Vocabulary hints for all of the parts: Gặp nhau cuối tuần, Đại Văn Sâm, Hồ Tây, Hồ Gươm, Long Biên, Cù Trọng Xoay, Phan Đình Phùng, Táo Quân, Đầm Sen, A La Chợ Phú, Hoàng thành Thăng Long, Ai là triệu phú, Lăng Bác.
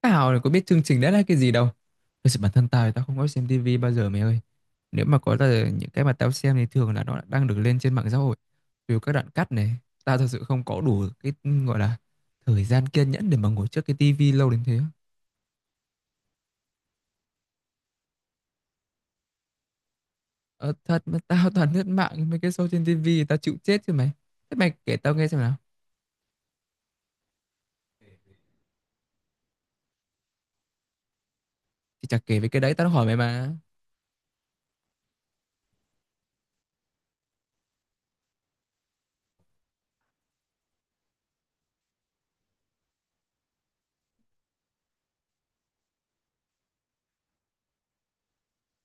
Tao là có biết chương trình đấy là cái gì đâu. Thật sự bản thân tao thì tao không có xem tivi bao giờ mày ơi. Nếu mà có là những cái mà tao xem thì thường là nó đang được lên trên mạng xã hội. Từ các đoạn cắt này, tao thật sự không có đủ cái gọi là thời gian kiên nhẫn để mà ngồi trước cái tivi lâu đến thế. Ờ, thật mà tao toàn lướt mạng mấy cái show trên tivi tao chịu chết chứ mày. Thế mày kể tao nghe xem nào. Thì chả kể về cái đấy tao đã hỏi mày mà.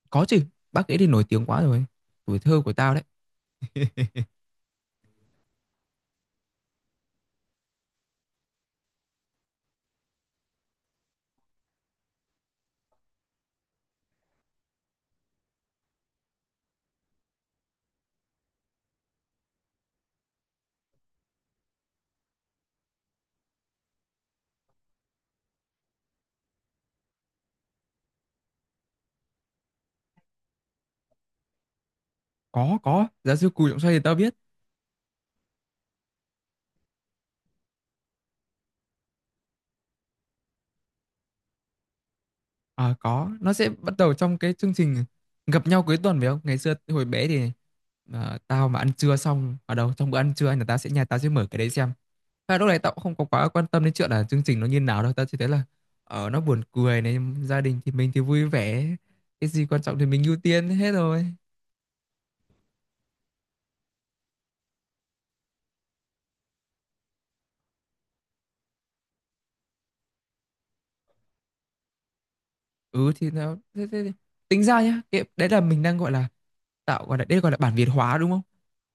Có chứ, bác ấy thì nổi tiếng quá rồi. Tuổi thơ của tao đấy. Có, giáo sư Cù Trọng Xoay thì tao biết. À có, nó sẽ bắt đầu trong cái chương trình gặp nhau cuối tuần phải không? Ngày xưa hồi bé thì tao mà ăn trưa xong ở đâu trong bữa ăn trưa là tao sẽ nhà tao sẽ mở cái đấy xem. Và lúc này tao cũng không có quá quan tâm đến chuyện là chương trình nó như nào đâu, tao chỉ thấy là ở nó buồn cười này, gia đình thì mình thì vui vẻ, cái gì quan trọng thì mình ưu tiên hết rồi. Ừ thì nó thế, thế, thế. Tính ra nhá cái, đấy là mình đang gọi là tạo gọi là đây gọi là bản Việt hóa đúng không,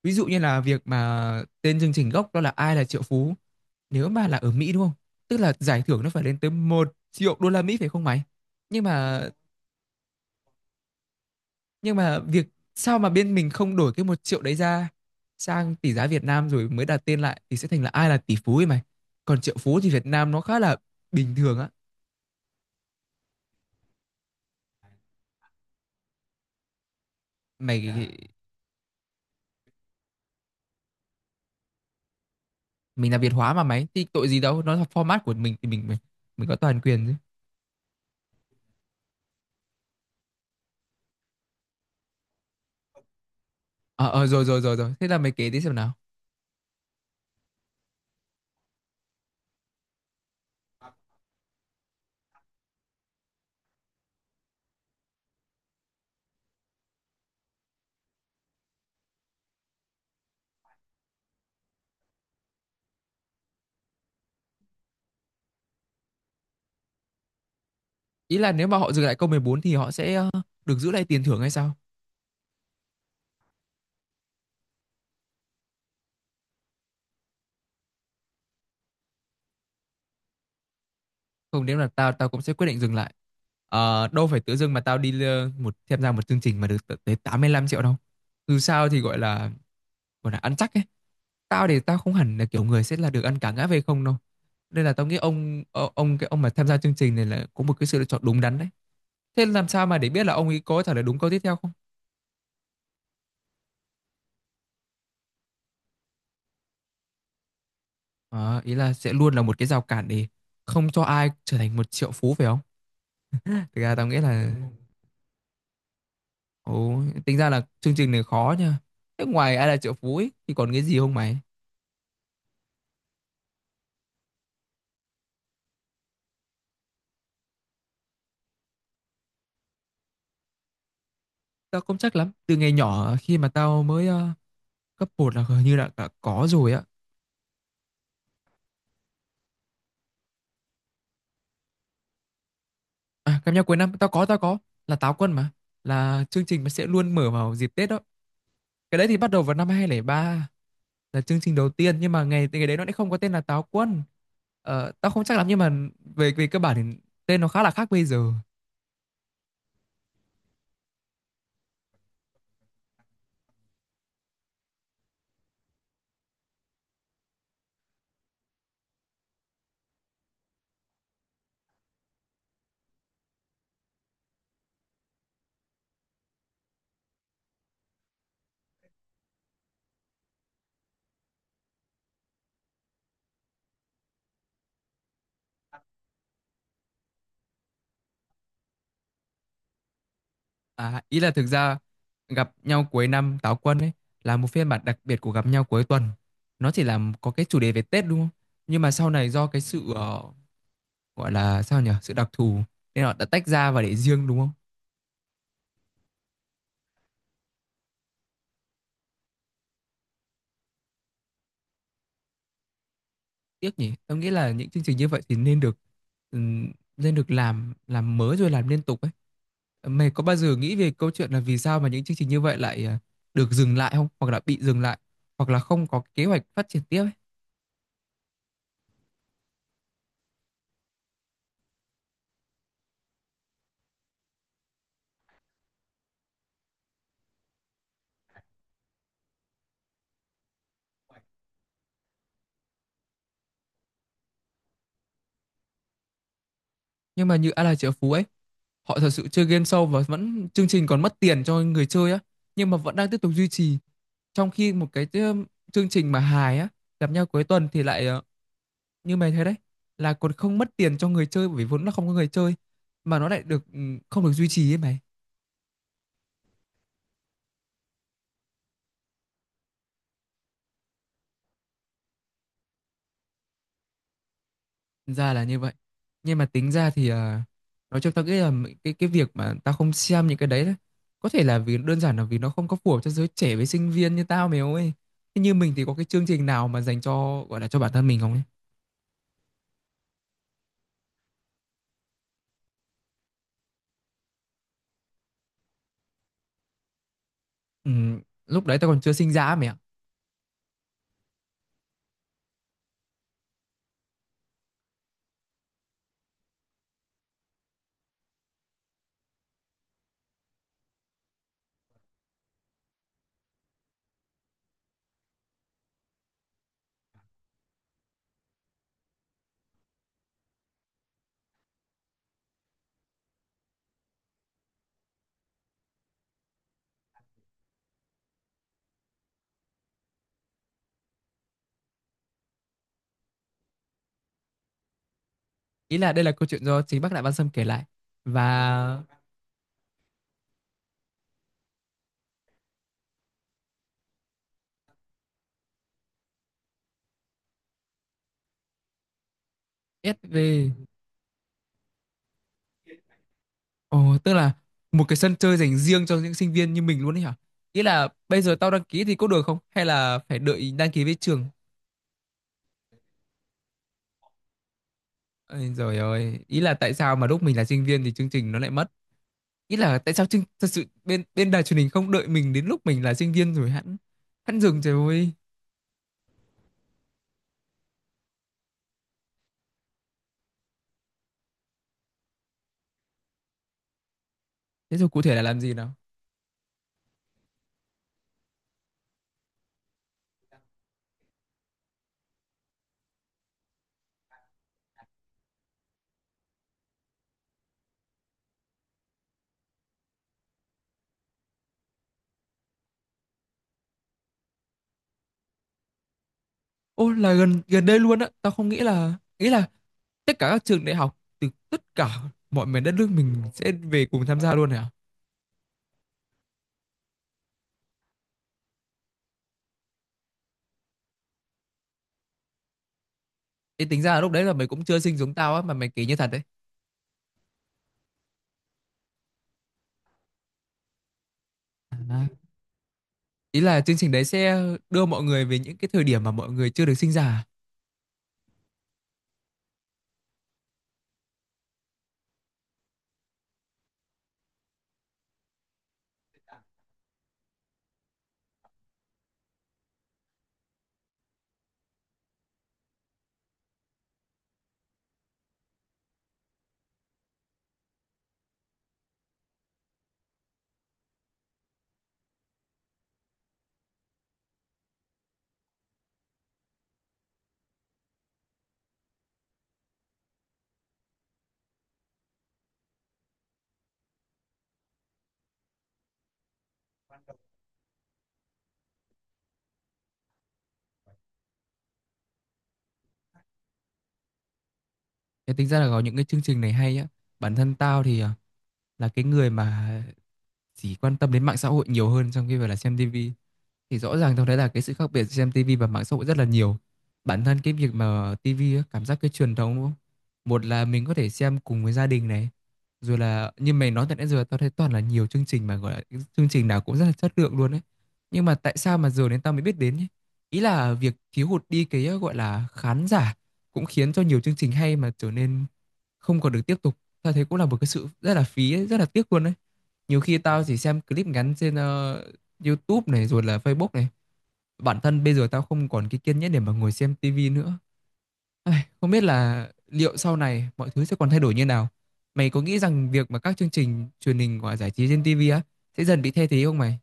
ví dụ như là việc mà tên chương trình gốc đó là ai là triệu phú, nếu mà là ở Mỹ đúng không, tức là giải thưởng nó phải lên tới một triệu đô la Mỹ phải không mày? Nhưng mà nhưng mà việc sao mà bên mình không đổi cái một triệu đấy ra sang tỷ giá Việt Nam rồi mới đặt tên lại thì sẽ thành là ai là tỷ phú ấy mày. Còn triệu phú thì Việt Nam nó khá là bình thường á mày. Mình là Việt hóa mà mày thì tội gì đâu, nó là format của mình thì mình có toàn quyền chứ. Ờ, rồi rồi rồi rồi, thế là mày kể tí xem nào. Ý là nếu mà họ dừng lại câu 14 thì họ sẽ được giữ lại tiền thưởng hay sao? Không, nếu là tao tao cũng sẽ quyết định dừng lại. Ờ, đâu phải tự dưng mà tao đi tham gia một chương trình mà được tận tới 85 triệu đâu. Dù sao thì gọi là ăn chắc ấy. Tao thì tao không hẳn là kiểu người sẽ là được ăn cả ngã về không đâu. Nên là tao nghĩ ông ờ, ông cái ông mà tham gia chương trình này là có một cái sự lựa chọn đúng đắn đấy. Thế làm sao mà để biết là ông ấy có trả lời đúng câu tiếp theo không? Ờ, ý là sẽ luôn là một cái rào cản để không cho ai trở thành một triệu phú phải không? Thực ra tao nghĩ là ồ, tính ra là chương trình này khó nha. Thế ngoài ai là triệu phú ấy, thì còn cái gì không mày? Tao không chắc lắm. Từ ngày nhỏ khi mà tao mới cấp 1 là hình như là đã có rồi á. À, cảm giác cuối năm tao có là táo quân mà, là chương trình mà sẽ luôn mở vào dịp Tết đó. Cái đấy thì bắt đầu vào năm 2003 là chương trình đầu tiên nhưng mà ngày ngày đấy nó lại không có tên là Táo Quân. Ờ, tao không chắc lắm nhưng mà về về cơ bản thì tên nó khá là khác bây giờ. À, ý là thực ra gặp nhau cuối năm Táo Quân ấy là một phiên bản đặc biệt của gặp nhau cuối tuần. Nó chỉ là có cái chủ đề về Tết đúng không? Nhưng mà sau này do cái sự gọi là sao nhỉ? Sự đặc thù nên họ đã tách ra và để riêng đúng không? Tiếc nhỉ, em nghĩ là những chương trình như vậy thì nên được làm mới rồi làm liên tục ấy. Mày có bao giờ nghĩ về câu chuyện là vì sao mà những chương trình như vậy lại được dừng lại không, hoặc là bị dừng lại, hoặc là không có kế hoạch phát triển tiếp ấy? Nhưng mà như A La Chợ Phú ấy, họ thật sự chơi game show và vẫn chương trình còn mất tiền cho người chơi á, nhưng mà vẫn đang tiếp tục duy trì. Trong khi một cái chương trình mà hài á, gặp nhau cuối tuần thì lại như mày thấy đấy, là còn không mất tiền cho người chơi bởi vì vốn là không có người chơi, mà nó lại được không được duy trì ấy mày. Ra là như vậy. Nhưng mà tính ra thì nói chung tao nghĩ là cái việc mà tao không xem những cái đấy, đấy có thể là vì đơn giản là vì nó không có phù hợp cho giới trẻ với sinh viên như tao mày ơi. Thế như mình thì có cái chương trình nào mà dành cho gọi là cho bản thân mình không ấy? Ừ, lúc đấy tao còn chưa sinh ra ấy mày ạ. Ý là đây là câu chuyện do chính bác Đại Văn Sâm kể lại và SV. Ồ, tức là một cái sân chơi dành riêng cho những sinh viên như mình luôn ấy hả? Ý là bây giờ tao đăng ký thì có được không? Hay là phải đợi đăng ký với trường? Ôi giời ơi, ý là tại sao mà lúc mình là sinh viên thì chương trình nó lại mất? Ý là tại sao chương, thật sự bên bên đài truyền hình không đợi mình đến lúc mình là sinh viên rồi hẵng hẵng dừng trời ơi. Thế rồi cụ thể là làm gì nào? Ô là gần gần đây luôn á, tao không nghĩ là tất cả các trường đại học từ tất cả mọi miền đất nước mình sẽ về cùng tham gia luôn hả? Thì tính ra là lúc đấy là mày cũng chưa sinh giống tao á mà mày kể như thật đấy. À, ý là chương trình đấy sẽ đưa mọi người về những cái thời điểm mà mọi người chưa được sinh ra. À? Thế tính ra là có những cái chương trình này hay á. Bản thân tao thì là cái người mà chỉ quan tâm đến mạng xã hội nhiều hơn trong khi phải là xem tivi. Thì rõ ràng tôi thấy là cái sự khác biệt giữa xem tivi và mạng xã hội rất là nhiều. Bản thân cái việc mà tivi á, cảm giác cái truyền thống đúng không, một là mình có thể xem cùng với gia đình này, rồi là như mày nói từ nãy giờ tao thấy toàn là nhiều chương trình mà gọi là cái chương trình nào cũng rất là chất lượng luôn ấy, nhưng mà tại sao mà giờ đến tao mới biết đến nhé. Ý là việc thiếu hụt đi cái gọi là khán giả cũng khiến cho nhiều chương trình hay mà trở nên không còn được tiếp tục, tao thấy cũng là một cái sự rất là phí ấy, rất là tiếc luôn đấy. Nhiều khi tao chỉ xem clip ngắn trên YouTube này rồi là Facebook này. Bản thân bây giờ tao không còn cái kiên nhẫn để mà ngồi xem TV nữa. Ai, không biết là liệu sau này mọi thứ sẽ còn thay đổi như nào. Mày có nghĩ rằng việc mà các chương trình truyền hình và giải trí trên TV á sẽ dần bị thay thế không mày?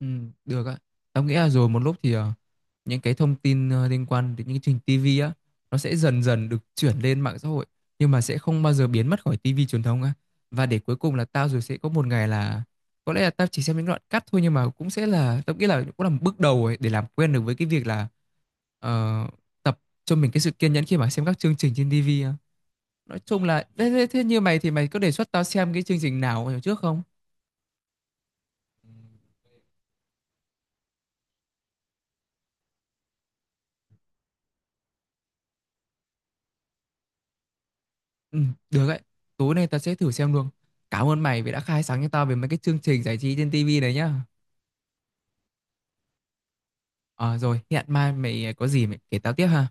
Ừ, được ạ. Em nghĩ là rồi một lúc thì những cái thông tin liên quan đến những chương trình TV á nó sẽ dần dần được chuyển lên mạng xã hội nhưng mà sẽ không bao giờ biến mất khỏi TV truyền thống á. Và để cuối cùng là tao rồi sẽ có một ngày là có lẽ là tao chỉ xem những đoạn cắt thôi nhưng mà cũng sẽ là tao nghĩ là cũng là một bước đầu ấy để làm quen được với cái việc là ờ, tập cho mình cái sự kiên nhẫn khi mà xem các chương trình trên TV á. Nói chung là thế, thế thế như mày thì mày có đề xuất tao xem cái chương trình nào trước không? Ừ, được đấy. Tối nay ta sẽ thử xem luôn. Cảm ơn mày vì đã khai sáng cho tao về mấy cái chương trình giải trí trên tivi này nhá. Ờ rồi, hẹn mai mày có gì mày kể tao tiếp ha.